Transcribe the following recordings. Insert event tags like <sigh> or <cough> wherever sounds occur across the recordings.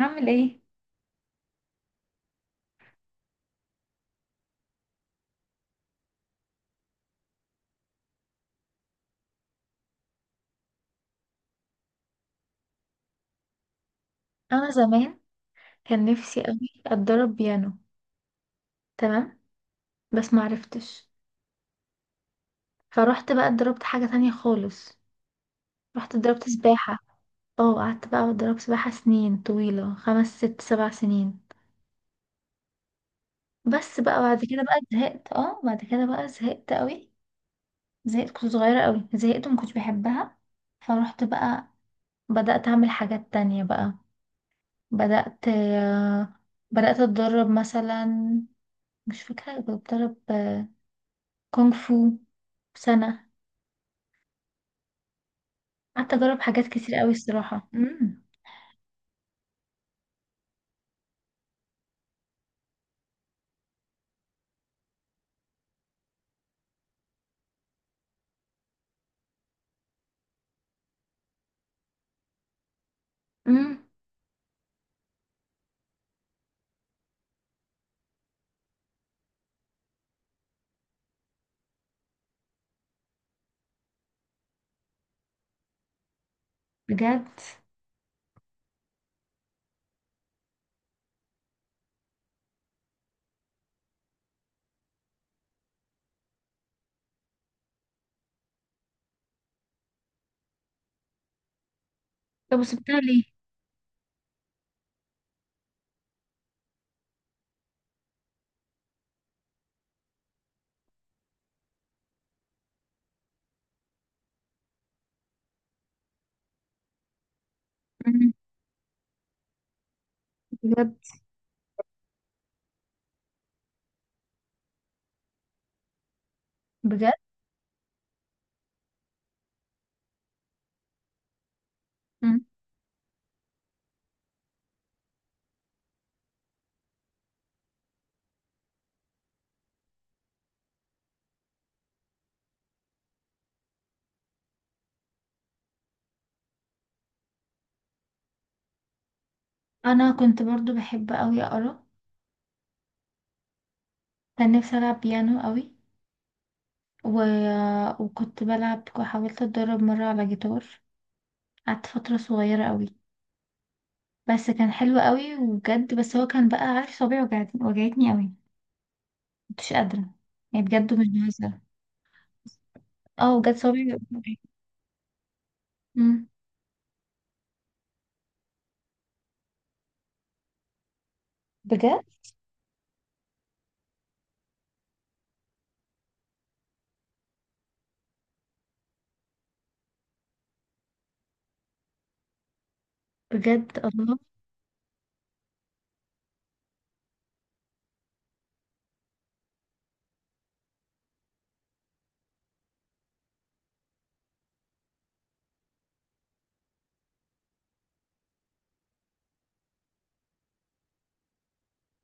اعمل ايه. انا زمان كان نفسي قوي اتدرب بيانو. تمام. بس معرفتش. فروحت بقى اتدربت حاجة تانية خالص. رحت اتدربت سباحة. اه، قعدت بقى اتدرب سباحة سنين طويلة، خمس ست سبع سنين. بس بقى بعد كده بقى زهقت، اه بعد كده بقى زهقت قوي. زهقت، كنت صغيرة قوي، زهقت وما كنتش بحبها. فروحت بقى بدأت اعمل حاجات تانية بقى. بدأت آه، بدأت اتدرب مثلا، مش فاكرة بتدرب كونغ فو سنة. قعدت أجرب حاجات كتير قوي الصراحة. امم بجد. طب وسبتها ليه؟ امم بجد. بجد امم أنا كنت برضو بحب قوي أقرأ. كان نفسي ألعب بيانو قوي و... وكنت بلعب وحاولت أتدرب مرة على جيتار. قعدت فترة صغيرة قوي، بس كان حلو قوي وبجد، بس هو كان بقى عارف صوابعي وجعتني قوي. مكنتش قادرة، يعني بجد مش بهزر. اه بجد صوابعي وجعتني. أمم. بجد. بجد الله.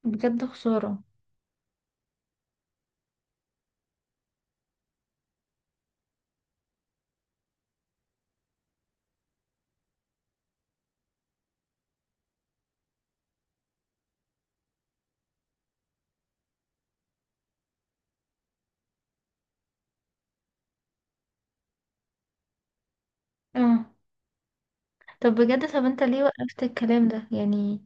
بجد خسارة. اه. طب بجد، طب انت ليه وقفت الكلام ده يعني؟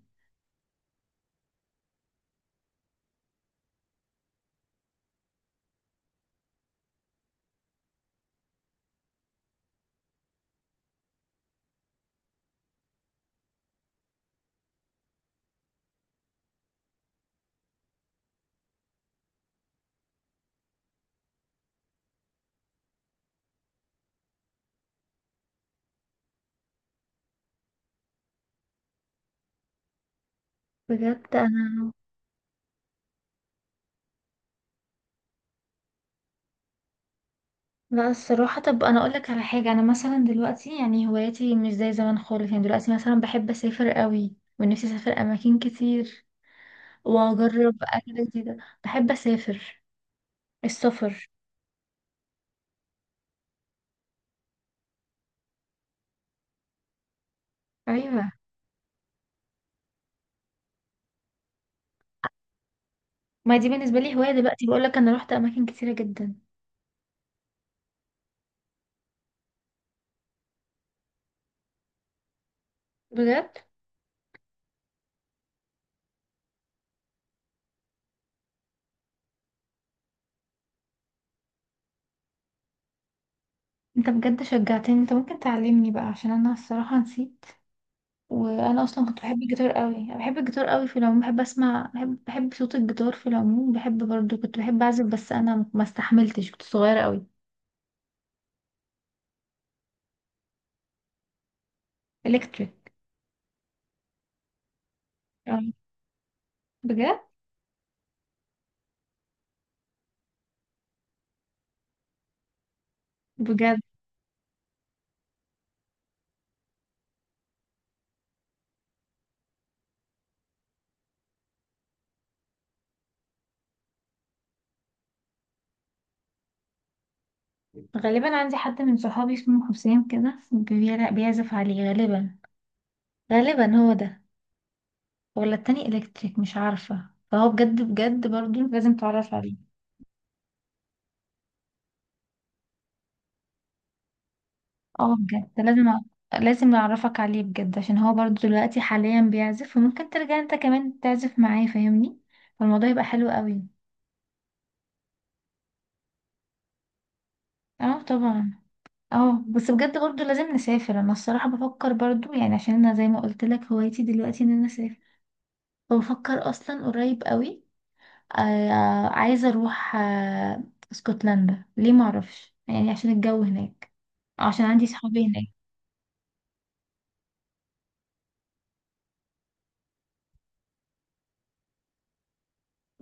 بجد انا، لا الصراحة، طب انا اقولك على حاجة، انا مثلا دلوقتي يعني هواياتي مش زي زمان خالص. يعني دلوقتي مثلا بحب اسافر قوي ونفسي اسافر اماكن كتير واجرب اكل جديدة. بحب اسافر، السفر. ايوه، ما دي بالنسبة لي هواية دلوقتي. بقولك انا روحت اماكن كتيرة جدا. بجد، انت بجد شجعتني، انت ممكن تعلمني بقى عشان انا الصراحة نسيت. وانا اصلا كنت بحب الجيتار قوي، أنا بحب الجيتار قوي في العموم، بحب اسمع، بحب صوت الجيتار في العموم، بحب برضو كنت بحب اعزف، بس انا ما استحملتش كنت صغيره قوي. الكتريك. آه، بجد. بجد. غالبا عندي حد من صحابي اسمه حسين كده بيعزف عليه غالبا، غالبا هو ده، ولا التاني الكتريك مش عارفه. فهو بجد، بجد برضو لازم تعرف عليه. اه بجد لازم لازم اعرفك عليه بجد، عشان هو برضو دلوقتي حاليا بيعزف وممكن ترجع انت كمان تعزف معاه، فاهمني؟ فالموضوع يبقى حلو قوي. اه طبعا. اه، بس بجد برضو لازم نسافر. انا الصراحة بفكر برضو يعني، عشان انا زي ما قلت لك هوايتي دلوقتي ان انا اسافر. فبفكر اصلا قريب قوي، آه عايزة اروح اسكتلندا. ليه معرفش، يعني عشان الجو هناك، عشان عندي صحابي هناك.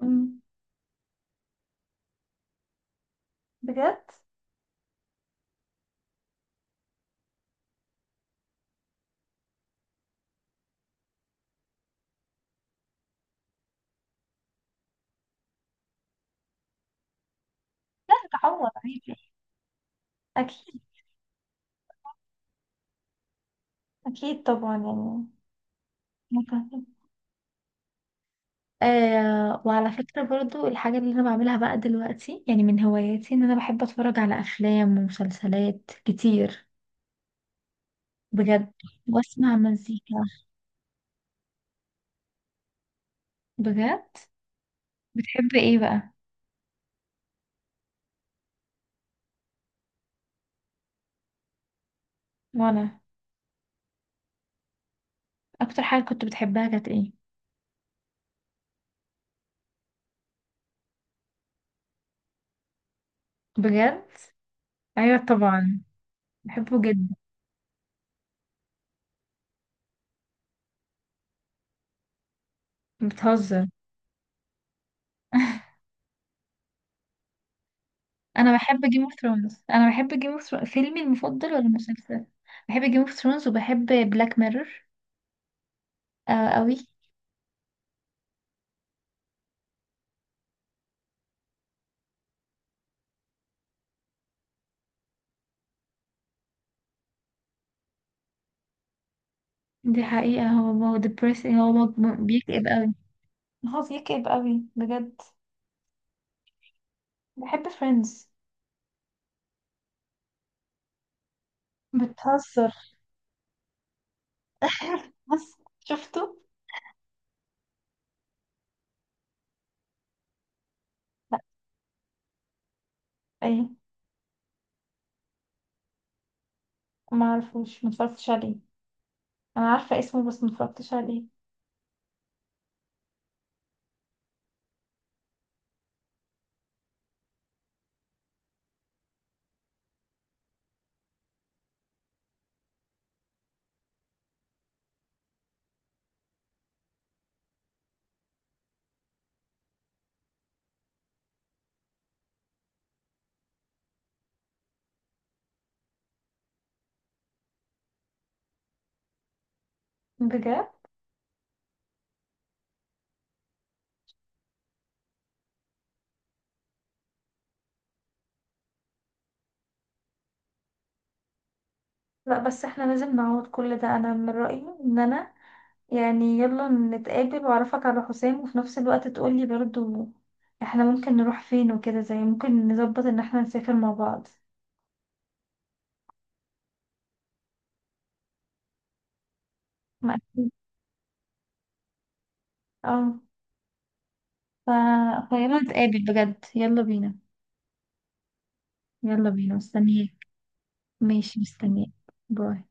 أمم. بجد. لا هتعوض عادي. اكيد. أكيد طبعا يعني. متعبة. آه، وعلى فكرة برضو الحاجة اللي أنا بعملها بقى دلوقتي يعني من هواياتي، إن أنا بحب أتفرج على أفلام ومسلسلات كتير بجد، وأسمع مزيكا. بجد؟ بتحب إيه بقى؟ وأنا، أكتر حاجة كنت بتحبها كانت إيه؟ بجد؟ أيوة طبعا، بحبه جدا. بتهزر. أنا بحب جيم اوف ثرونز، أنا بحب جيم اوف ثرونز. فيلمي المفضل ولا المسلسل؟ بحب جيم اوف ثرونز وبحب بلاك ميرور آه قوي. دي حقيقة، هو هو depressing، بيكئب قوي. هو بيكئب قوي بجد. بحب فريندز. بتهزر. <laughs> بس شفته. لا. ايه؟ ما اعرفوش، ما اتفرجتش عليه. انا عارفه اسمه بس ما اتفرجتش عليه. بجد. لا بس احنا لازم نعوض كل ده. انا من رايي ان انا يعني يلا نتقابل واعرفك على حسام، وفي نفس الوقت تقولي برضو احنا ممكن نروح فين وكده، زي ممكن نظبط ان احنا نسافر مع بعض. ما أكيد. اه. فخيرنا نتقابل بجد، يلا بينا. يلا بينا مستنياك. ماشي مستنياك. باي.